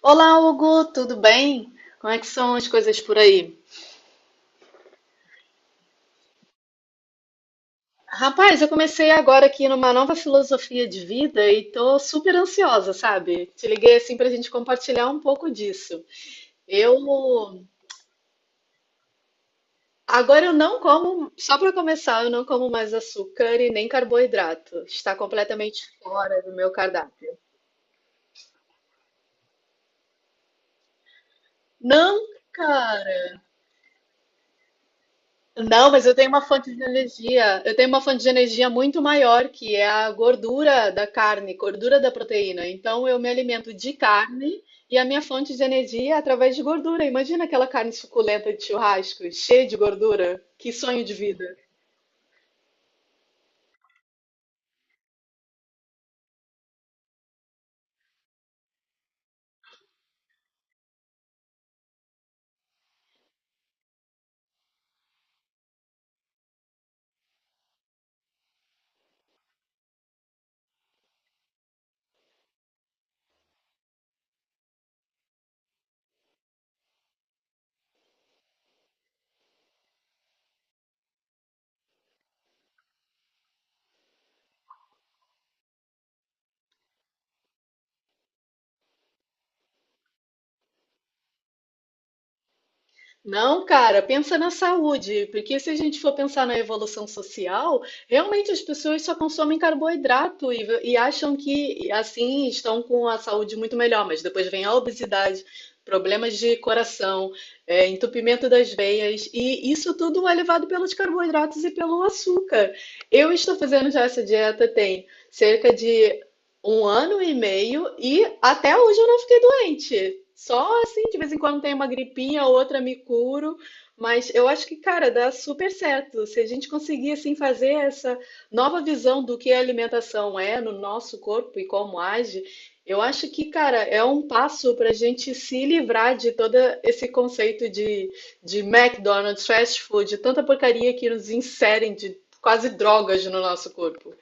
Olá, Hugo, tudo bem? Como é que são as coisas por aí? Rapaz, eu comecei agora aqui numa nova filosofia de vida e tô super ansiosa, sabe? Te liguei assim pra gente compartilhar um pouco disso. Eu agora eu não como, só pra começar, eu não como mais açúcar e nem carboidrato. Está completamente fora do meu cardápio. Não, não, mas eu tenho uma fonte de energia. Eu tenho uma fonte de energia muito maior, que é a gordura da carne, gordura da proteína. Então eu me alimento de carne e a minha fonte de energia é através de gordura. Imagina aquela carne suculenta de churrasco, cheia de gordura. Que sonho de vida. Não, cara, pensa na saúde, porque se a gente for pensar na evolução social, realmente as pessoas só consomem carboidrato e acham que assim estão com a saúde muito melhor, mas depois vem a obesidade, problemas de coração, entupimento das veias, e isso tudo é levado pelos carboidratos e pelo açúcar. Eu estou fazendo já essa dieta tem cerca de 1 ano e meio e até hoje eu não fiquei doente. Só assim, de vez em quando tem uma gripinha, outra me curo, mas eu acho que, cara, dá super certo. Se a gente conseguir assim fazer essa nova visão do que a alimentação é no nosso corpo e como age, eu acho que, cara, é um passo para a gente se livrar de todo esse conceito de McDonald's, fast food, tanta porcaria que nos inserem de quase drogas no nosso corpo.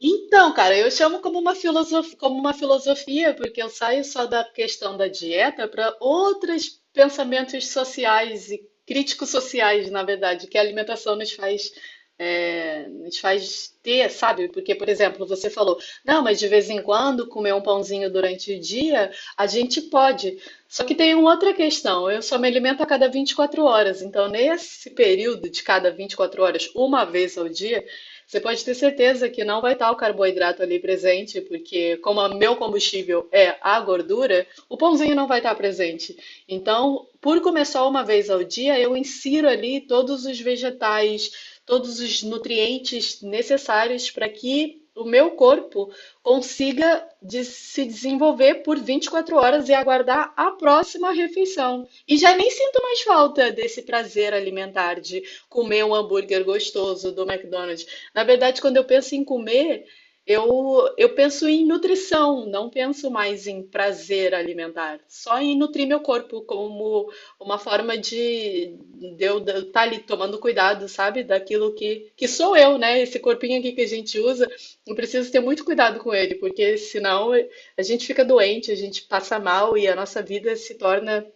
Então, cara, eu chamo como uma filosofia, porque eu saio só da questão da dieta para outros pensamentos sociais e críticos sociais, na verdade, que a alimentação nos faz, nos faz ter, sabe? Porque, por exemplo, você falou, não, mas de vez em quando comer um pãozinho durante o dia, a gente pode. Só que tem uma outra questão, eu só me alimento a cada 24 horas, então nesse período de cada 24 horas, uma vez ao dia, você pode ter certeza que não vai estar o carboidrato ali presente, porque como o meu combustível é a gordura, o pãozinho não vai estar presente. Então, por começar uma vez ao dia, eu insiro ali todos os vegetais, todos os nutrientes necessários para que o meu corpo se desenvolver por 24 horas e aguardar a próxima refeição. E já nem sinto mais falta desse prazer alimentar de comer um hambúrguer gostoso do McDonald's. Na verdade, quando eu penso em comer, eu penso em nutrição, não penso mais em prazer alimentar, só em nutrir meu corpo como uma forma de eu estar ali tomando cuidado, sabe? Daquilo que sou eu, né? Esse corpinho aqui que a gente usa, eu preciso ter muito cuidado com ele, porque senão a gente fica doente, a gente passa mal e a nossa vida se torna,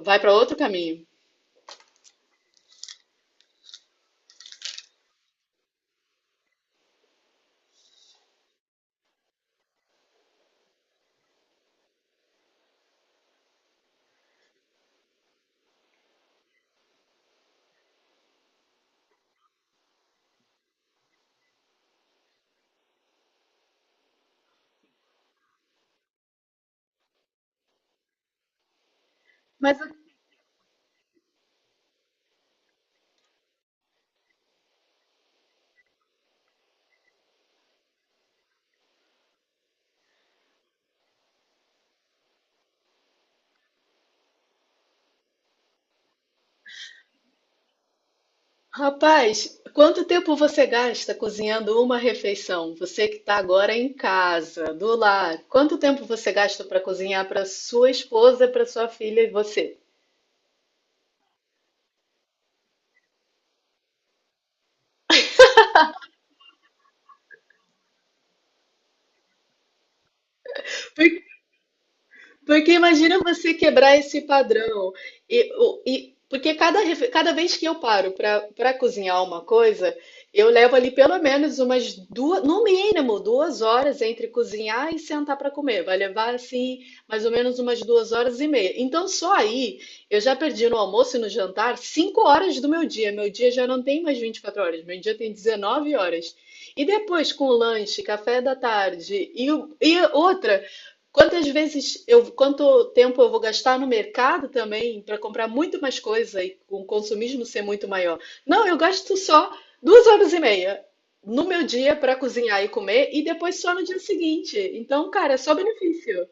vai para outro caminho. Rapaz, quanto tempo você gasta cozinhando uma refeição? Você que está agora em casa, do lar, quanto tempo você gasta para cozinhar para sua esposa, para sua filha e você? Porque imagina você quebrar esse padrão. Porque cada vez que eu paro para cozinhar uma coisa, eu levo ali pelo menos umas duas, no mínimo 2 horas entre cozinhar e sentar para comer. Vai levar assim mais ou menos umas 2 horas e meia. Então só aí eu já perdi no almoço e no jantar 5 horas do meu dia. Meu dia já não tem mais 24 horas, meu dia tem 19 horas. E depois com o lanche, café da tarde e outra. Quanto tempo eu vou gastar no mercado também para comprar muito mais coisa e o consumismo ser muito maior? Não, eu gasto só 2 horas e meia no meu dia para cozinhar e comer e depois só no dia seguinte. Então, cara, é só benefício.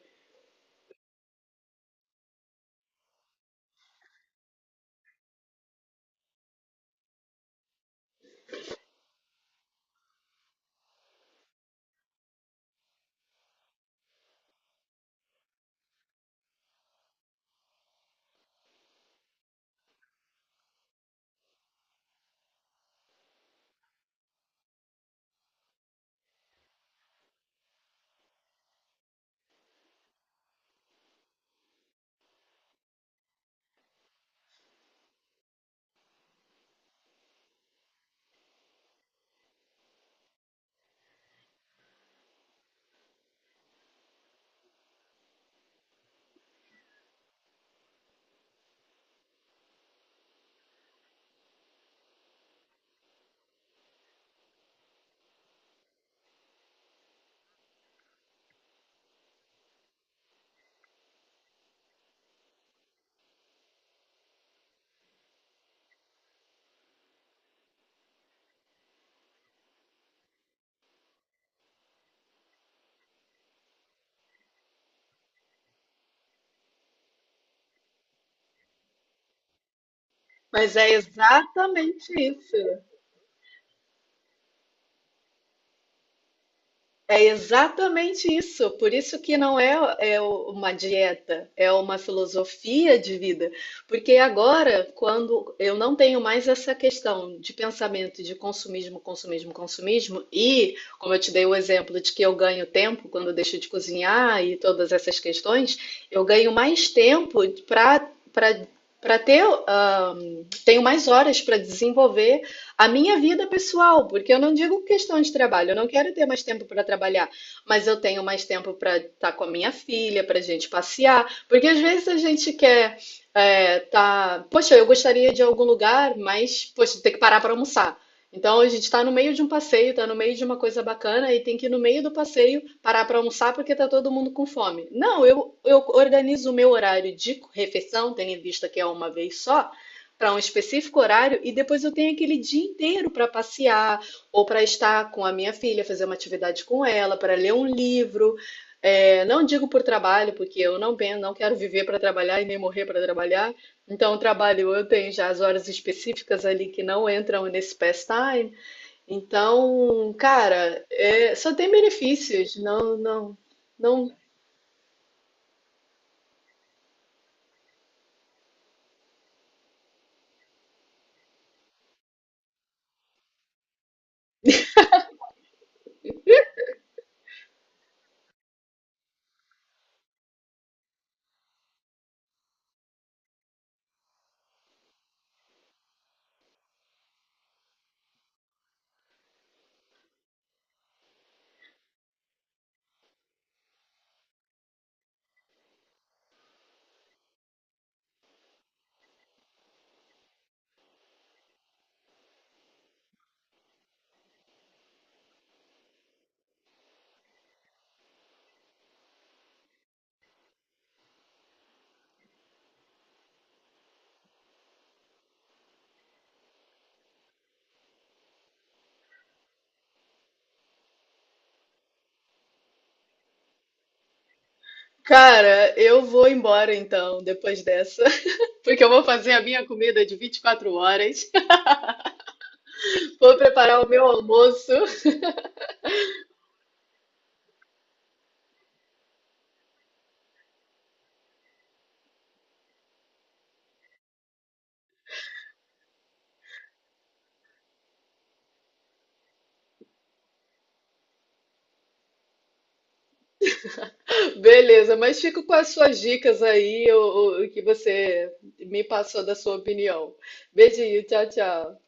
Mas é exatamente isso. É exatamente isso. Por isso que não é, é uma dieta, é uma filosofia de vida. Porque agora, quando eu não tenho mais essa questão de pensamento de consumismo, consumismo, consumismo, e como eu te dei o exemplo de que eu ganho tempo quando eu deixo de cozinhar e todas essas questões, eu ganho mais tempo para para para tenho mais horas para desenvolver a minha vida pessoal, porque eu não digo questão de trabalho, eu não quero ter mais tempo para trabalhar, mas eu tenho mais tempo para estar com a minha filha, para a gente passear, porque às vezes a gente quer tá, poxa, eu gostaria de ir a algum lugar, mas poxa, tem que parar para almoçar. Então a gente está no meio de um passeio, está no meio de uma coisa bacana e tem que ir no meio do passeio parar para almoçar porque está todo mundo com fome. Não, eu organizo o meu horário de refeição, tendo em vista que é uma vez só, para um específico horário e depois eu tenho aquele dia inteiro para passear ou para estar com a minha filha, fazer uma atividade com ela, para ler um livro. É, não digo por trabalho, porque eu não, pen- não quero viver para trabalhar e nem morrer para trabalhar. Então, o trabalho eu tenho já as horas específicas ali que não entram nesse pastime. Então, cara, só tem benefícios. Não, não, não. Cara, eu vou embora então, depois dessa, porque eu vou fazer a minha comida de 24 horas. Vou preparar o meu almoço. Beleza, mas fico com as suas dicas aí, o que você me passou da sua opinião. Beijinho, tchau, tchau.